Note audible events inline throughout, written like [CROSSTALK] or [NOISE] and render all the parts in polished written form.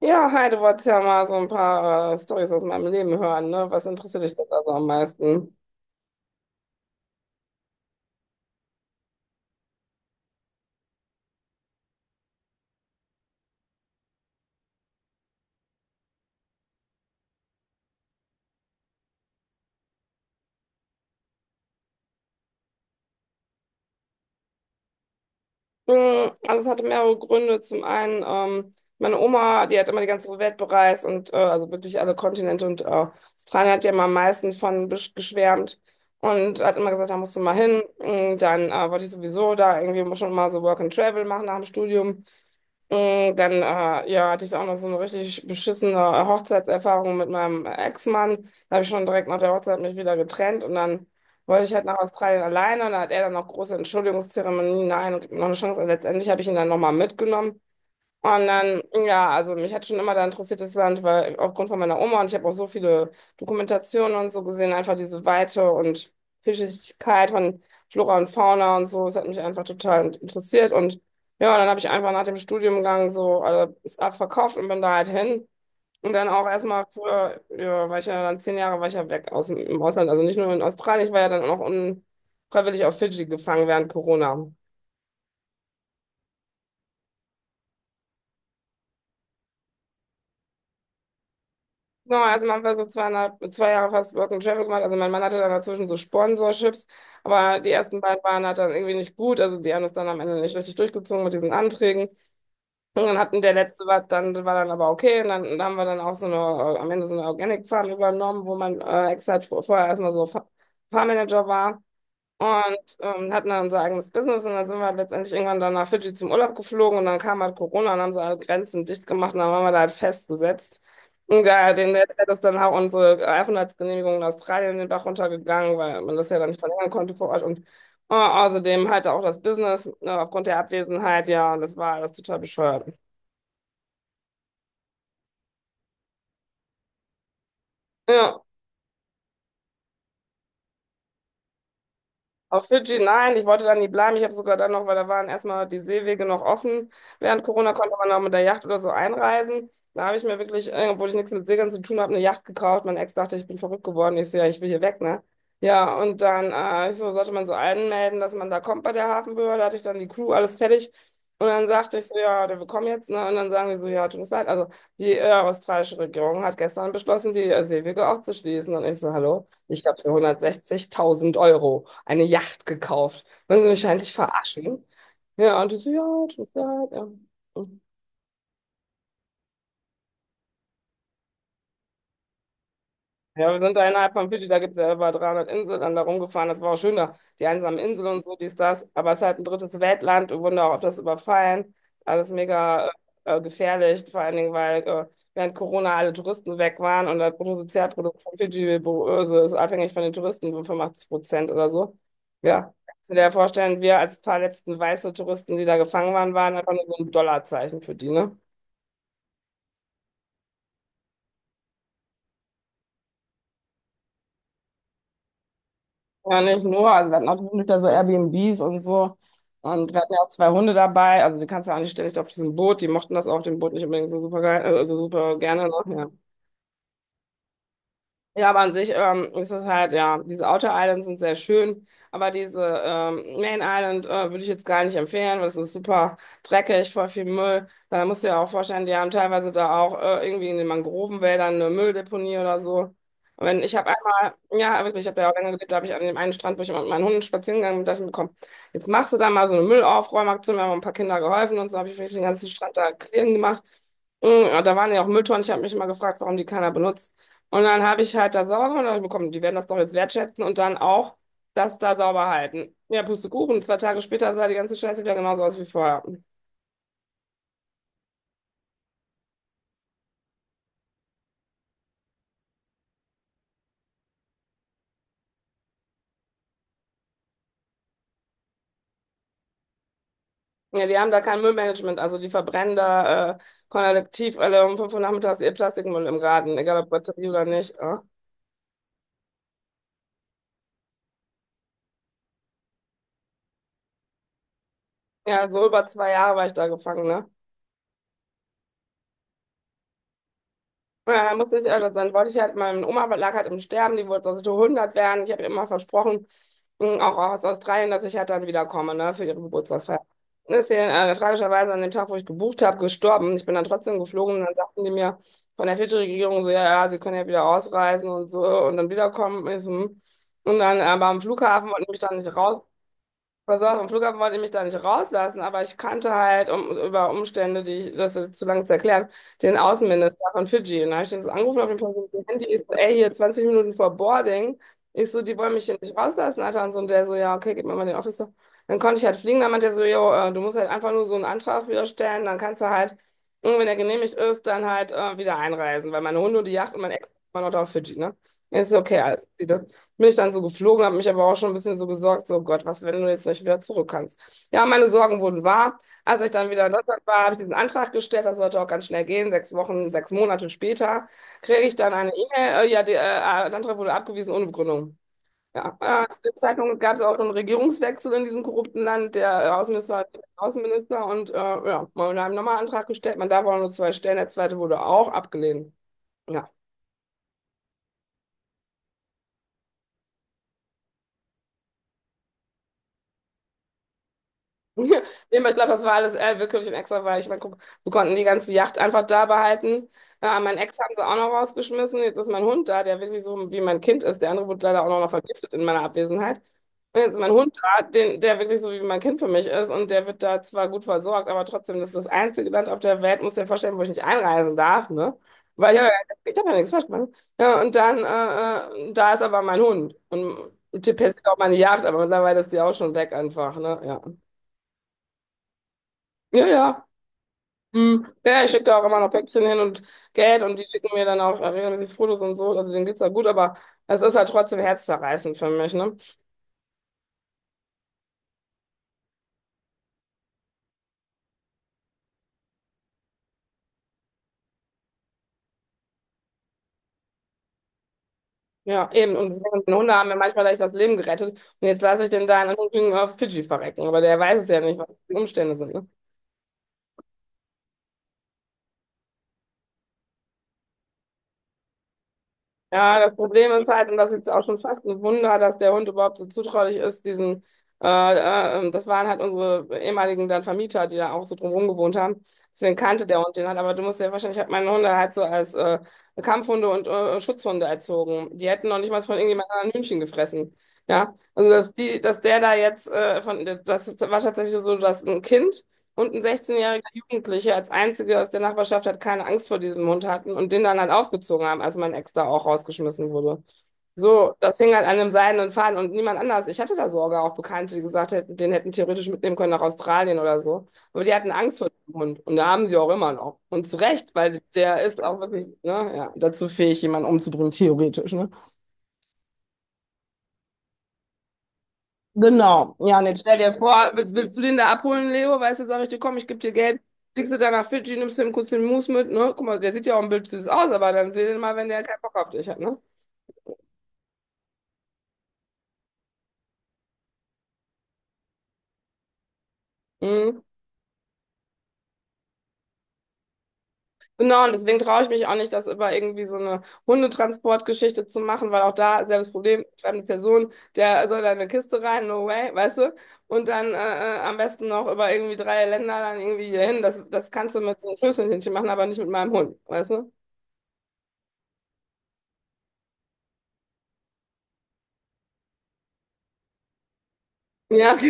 Ja, hi, du wolltest ja mal so ein paar Storys aus meinem Leben hören, ne? Was interessiert dich denn da so am meisten? Hm, also es hatte mehrere Gründe. Zum einen, meine Oma, die hat immer die ganze Welt bereist und also wirklich alle Kontinente und Australien hat ja immer am meisten von geschwärmt und hat immer gesagt, da musst du mal hin. Hm, dann wollte ich sowieso da irgendwie schon mal so Work and Travel machen nach dem Studium. Dann ja, hatte ich auch noch so eine richtig beschissene Hochzeitserfahrung mit meinem Ex-Mann. Da habe ich schon direkt nach der Hochzeit mich wieder getrennt und dann wollte ich halt nach Australien alleine und da hat er dann noch große Entschuldigungszeremonien. Nein, und gibt mir noch eine Chance. Und letztendlich habe ich ihn dann nochmal mitgenommen. Und dann, ja, also mich hat schon immer da interessiert das Land, weil aufgrund von meiner Oma und ich habe auch so viele Dokumentationen und so gesehen, einfach diese Weite und Vielschichtigkeit von Flora und Fauna und so, das hat mich einfach total interessiert. Und ja, dann habe ich einfach nach dem Studiengang so alles abverkauft und bin da halt hin. Und dann auch erstmal für, ja, war ich ja dann 10 Jahre war ich ja weg aus, im Ausland, also nicht nur in Australien, ich war ja dann auch unfreiwillig auf Fidschi gefangen während Corona. Genau, also man war so 2,5, 2 Jahre fast Work and Travel gemacht. Also mein Mann hatte dann dazwischen so Sponsorships, aber die ersten beiden waren halt dann irgendwie nicht gut. Also die haben das dann am Ende nicht richtig durchgezogen mit diesen Anträgen. Und dann hatten der letzte war dann, aber okay. Und dann, haben wir dann auch so eine, am Ende so eine Organic Farm übernommen, wo man extra vorher erstmal so Farmmanager war. Und hatten dann unser eigenes Business und dann sind wir halt letztendlich irgendwann dann nach Fidschi zum Urlaub geflogen und dann kam halt Corona und haben sie alle Grenzen dicht gemacht und dann waren wir da halt festgesetzt. Und da, den hat das dann auch unsere Aufenthaltsgenehmigung in Australien in den Bach runtergegangen, weil man das ja dann nicht verlängern konnte vor Ort und außerdem halt auch das Business aufgrund der Abwesenheit, ja, und das war alles total bescheuert. Ja. Auf Fidschi, nein, ich wollte da nie bleiben. Ich habe sogar dann noch, weil da waren erstmal die Seewege noch offen. Während Corona konnte man auch mit der Yacht oder so einreisen. Da habe ich mir wirklich, obwohl ich nichts mit Segeln zu tun habe, eine Yacht gekauft. Mein Ex dachte, ich bin verrückt geworden. Ich so, ja, ich will hier weg, ne? Ja, und dann ich so, sollte man so anmelden, dass man da kommt bei der Hafenbehörde. Da hatte ich dann die Crew, alles fertig. Und dann sagte ich so, ja, wir kommen jetzt, ne? Und dann sagen die so, ja, tut uns leid. Also die australische Regierung hat gestern beschlossen, die Seewege auch zu schließen. Und ich so, hallo? Ich habe für 160.000 Euro eine Yacht gekauft. Wollen Sie mich eigentlich verarschen? Ja, und die so, ja, tschüss, ja. Ja. Mhm. Ja, wir sind da innerhalb von Fidschi, da gibt es ja über 300 Inseln, dann da rumgefahren. Das war auch schön da, die einsamen Inseln und so, dies, das. Aber es ist halt ein drittes Weltland. Wir wurden da auch auf das überfallen. Alles mega gefährlich, vor allen Dingen, weil während Corona alle Touristen weg waren und das Bruttosozialprodukt von Fidschi böse ist abhängig von den Touristen, 85% oder so. Ja, kannst du dir ja vorstellen, wir als paar letzten weiße Touristen, die da gefangen waren, waren einfach nur so ein Dollarzeichen für die, ne? Ja, nicht nur, also wir hatten auch wirklich da so Airbnbs und so. Und wir hatten ja auch zwei Hunde dabei. Also die kannst du ja auch nicht ständig auf diesem Boot. Die mochten das auch, dem Boot nicht unbedingt so super geil, also super gerne. Ne? Ja. Ja, aber an sich ist es halt, ja, diese Outer Islands sind sehr schön, aber diese Main Island würde ich jetzt gar nicht empfehlen, weil es ist super dreckig, voll viel Müll. Da musst du ja auch vorstellen, die haben teilweise da auch irgendwie in den Mangrovenwäldern eine Mülldeponie oder so. Und wenn ich habe einmal, ja, wirklich, ich habe ja auch länger gelebt, da habe ich an dem einen Strand, wo ich mit meinen Hunden spazieren gegangen bin, dachte ich mir, komm, jetzt machst du da mal so eine Müllaufräumaktion, wir haben ein paar Kinder geholfen und so habe ich wirklich den ganzen Strand da clean gemacht. Da waren ja auch Mülltonnen. Ich habe mich immer gefragt, warum die keiner benutzt. Und dann habe ich halt da sauber gemacht und dachte, ich mir, komm, die werden das doch jetzt wertschätzen und dann auch das da sauber halten. Ja, Pustekuchen, 2 Tage später sah die ganze Scheiße wieder genauso aus wie vorher. Ja, die haben da kein Müllmanagement, also die verbrennen da kollektiv alle um 5 Uhr nachmittags ihr Plastikmüll im Garten, egal ob Batterie oder nicht. Ja, so über 2 Jahre war ich da gefangen, ne. Ja, muss ich ehrlich sein. Wollte ich halt, meine Oma lag halt im Sterben, die wollte, dass ich 100 werden. Ich habe ihr immer versprochen, auch aus Australien, dass ich halt dann wiederkomme, ne, für ihre Geburtstagsfeier. Dann ist sie tragischerweise an dem Tag, wo ich gebucht habe, gestorben. Ich bin dann trotzdem geflogen und dann sagten die mir von der Fidschi-Regierung so, ja, ja, sie können ja wieder ausreisen und so und dann wiederkommen. Ich so, hm. Und dann aber am Flughafen wollten die mich dann nicht raus. Pass auf, am Flughafen wollte ich mich da nicht rauslassen, aber ich kannte halt um, über Umstände, die ich, das ist jetzt zu lange zu erklären, den Außenminister von Fidschi. Und da habe ich den so angerufen auf dem persönlichen Handy. Ich so, ey, hier 20 Minuten vor Boarding. Ich so, die wollen mich hier nicht rauslassen, Alter. Und so, und der so, ja, okay, gib mir mal den Officer. Dann konnte ich halt fliegen. Dann meinte er so, jo, du musst halt einfach nur so einen Antrag wieder stellen. Dann kannst du halt, und wenn er genehmigt ist, dann halt wieder einreisen. Weil meine Hunde und die Yacht und mein Ex war noch da auf Fidschi, ne? Ich so, okay, alles bin ich dann so geflogen, habe mich aber auch schon ein bisschen so gesorgt, so Gott, was, wenn du jetzt nicht wieder zurück kannst. Ja, meine Sorgen wurden wahr. Als ich dann wieder in Deutschland war, habe ich diesen Antrag gestellt, das sollte auch ganz schnell gehen. 6 Wochen, 6 Monate später kriege ich dann eine E-Mail, ja, der Antrag wurde abgewiesen ohne Begründung. Ja, zu dem Zeitpunkt gab es auch einen Regierungswechsel in diesem korrupten Land. Der Außenminister war Außenminister und ja, wir haben nochmal einen Antrag gestellt. Man darf auch nur zwei stellen, der zweite wurde auch abgelehnt. Ja. [LAUGHS] Ja, nee, aber ich glaube, das war alles willkürlich und extra, weil ich meine, guck, wir konnten die ganze Yacht einfach da behalten. Mein Ex haben sie auch noch rausgeschmissen. Jetzt ist mein Hund da, der wirklich so wie mein Kind ist. Der andere wurde leider auch noch vergiftet in meiner Abwesenheit. Und jetzt ist mein Hund da, den, der wirklich so wie mein Kind für mich ist. Und der wird da zwar gut versorgt, aber trotzdem, das ist das einzige Land auf der Welt, muss dir vorstellen, wo ich nicht einreisen darf, ne? Weil ich habe ja, ich hab ja nichts falsch gemacht. Ne? Ja, und dann, da ist aber mein Hund. Und der persiert auch meine Yacht, aber mittlerweile ist die auch schon weg einfach, ne? Ja. Ja, ja. Hm. Ja, ich schicke da auch immer noch Päckchen hin und Geld und die schicken mir dann auch regelmäßig Fotos und so. Also denen geht's da gut, aber es ist halt trotzdem herzzerreißend für mich, ne? Ja, eben. Und die Hunde haben mir manchmal echt das Leben gerettet. Und jetzt lasse ich den da in Anführungsstrichen auf Fidschi verrecken. Aber der weiß es ja nicht, was die Umstände sind, ne? Ja, das Problem ist halt, und das ist jetzt auch schon fast ein Wunder, dass der Hund überhaupt so zutraulich ist, diesen, das waren halt unsere ehemaligen dann Vermieter, die da auch so drumherum gewohnt haben. Deswegen kannte der Hund den halt, aber du musst ja wahrscheinlich, ich habe meine Hunde halt so als Kampfhunde und Schutzhunde erzogen. Die hätten noch nicht mal von irgendjemandem anderen Hühnchen gefressen. Ja, also dass die, dass der da jetzt, das war tatsächlich so, dass ein Kind und ein 16-jähriger Jugendlicher als einziger aus der Nachbarschaft hat keine Angst vor diesem Hund hatten und den dann halt aufgezogen haben, als mein Ex da auch rausgeschmissen wurde. So, das hing halt an einem seidenen Faden und niemand anders. Ich hatte da sogar auch Bekannte, die gesagt hätten, den hätten theoretisch mitnehmen können nach Australien oder so. Aber die hatten Angst vor dem Hund und da haben sie auch immer noch. Und zu Recht, weil der ist auch wirklich, ne, ja, dazu fähig, jemanden umzubringen, theoretisch, ne? Genau, ja, und jetzt stell dir vor, willst du den da abholen, Leo? Weißt du, sag ich dir, komm, ich gebe dir Geld, fliegst du da nach Fidschi, nimmst du ihm kurz den Mousse mit, ne? Guck mal, der sieht ja auch ein Bild süß aus, aber dann seh den mal, wenn der keinen Bock auf dich hat, ne? Mhm. Genau, und deswegen traue ich mich auch nicht, das über irgendwie so eine Hundetransportgeschichte zu machen, weil auch da selbes Problem, fremde Person, der soll da eine Kiste rein, no way, weißt du? Und dann am besten noch über irgendwie drei Länder dann irgendwie hier hin. Das, das kannst du mit so einem Schlüsselhündchen machen, aber nicht mit meinem Hund, weißt du? Ja, [LAUGHS]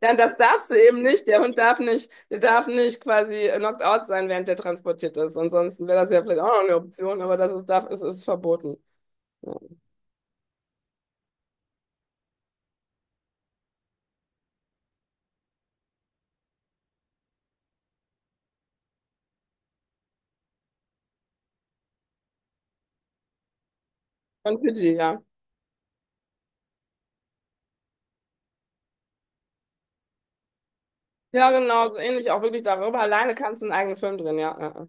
Dann das darfst du eben nicht. Der Hund darf nicht, der darf nicht, quasi knocked out sein, während der transportiert ist. Ansonsten wäre das ja vielleicht auch noch eine Option, aber es ist verboten. Ja. Von Fidschi, ja. Ja, genau, so ähnlich auch wirklich darüber. Alleine kannst du einen eigenen Film drehen, ja. Ja, ja.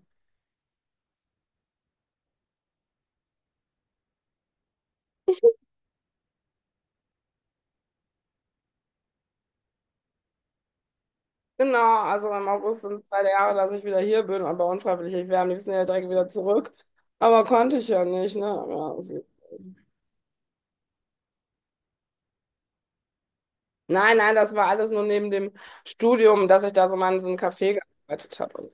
Genau, also im August sind es 2 Jahre, dass ich wieder hier bin, aber unfreiwillig. Ich wäre am liebsten ja direkt wieder zurück. Aber konnte ich ja nicht, ne? Ja, Nein, nein, das war alles nur neben dem Studium, dass ich da so mal in so einem Café gearbeitet habe.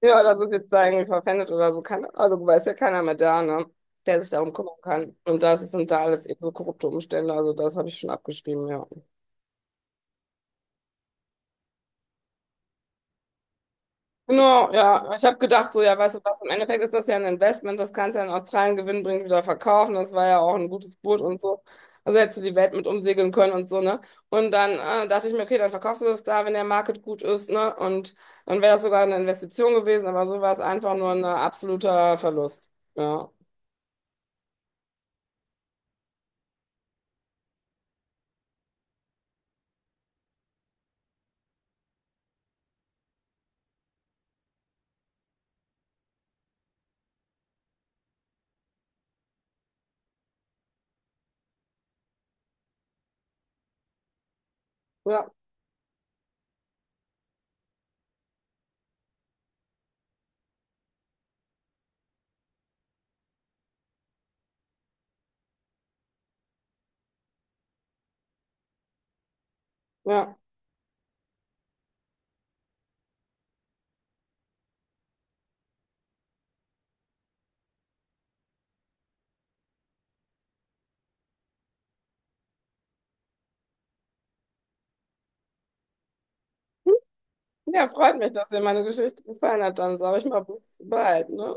Ja, das ist jetzt eigentlich irgendwie verpfändet oder so. Keine Ahnung, weiß ja keiner mehr da, ne? Der sich darum kümmern kann. Und das sind da alles eben so korrupte Umstände. Also das habe ich schon abgeschrieben, ja. Genau, ja. Ich habe gedacht, so, ja, weißt du was, im Endeffekt ist das ja ein Investment, das kannst du ja in Australien gewinnbringend wieder verkaufen. Das war ja auch ein gutes Boot und so. Also hättest du die Welt mit umsegeln können und so, ne? Und dann dachte ich mir, okay, dann verkaufst du das da, wenn der Market gut ist, ne? Und dann wäre das sogar eine Investition gewesen, aber so war es einfach nur ein absoluter Verlust. Ja. Ja, ja. Ja, freut mich, dass dir meine Geschichte gefallen hat. Dann sage ich mal, bis bald, ne?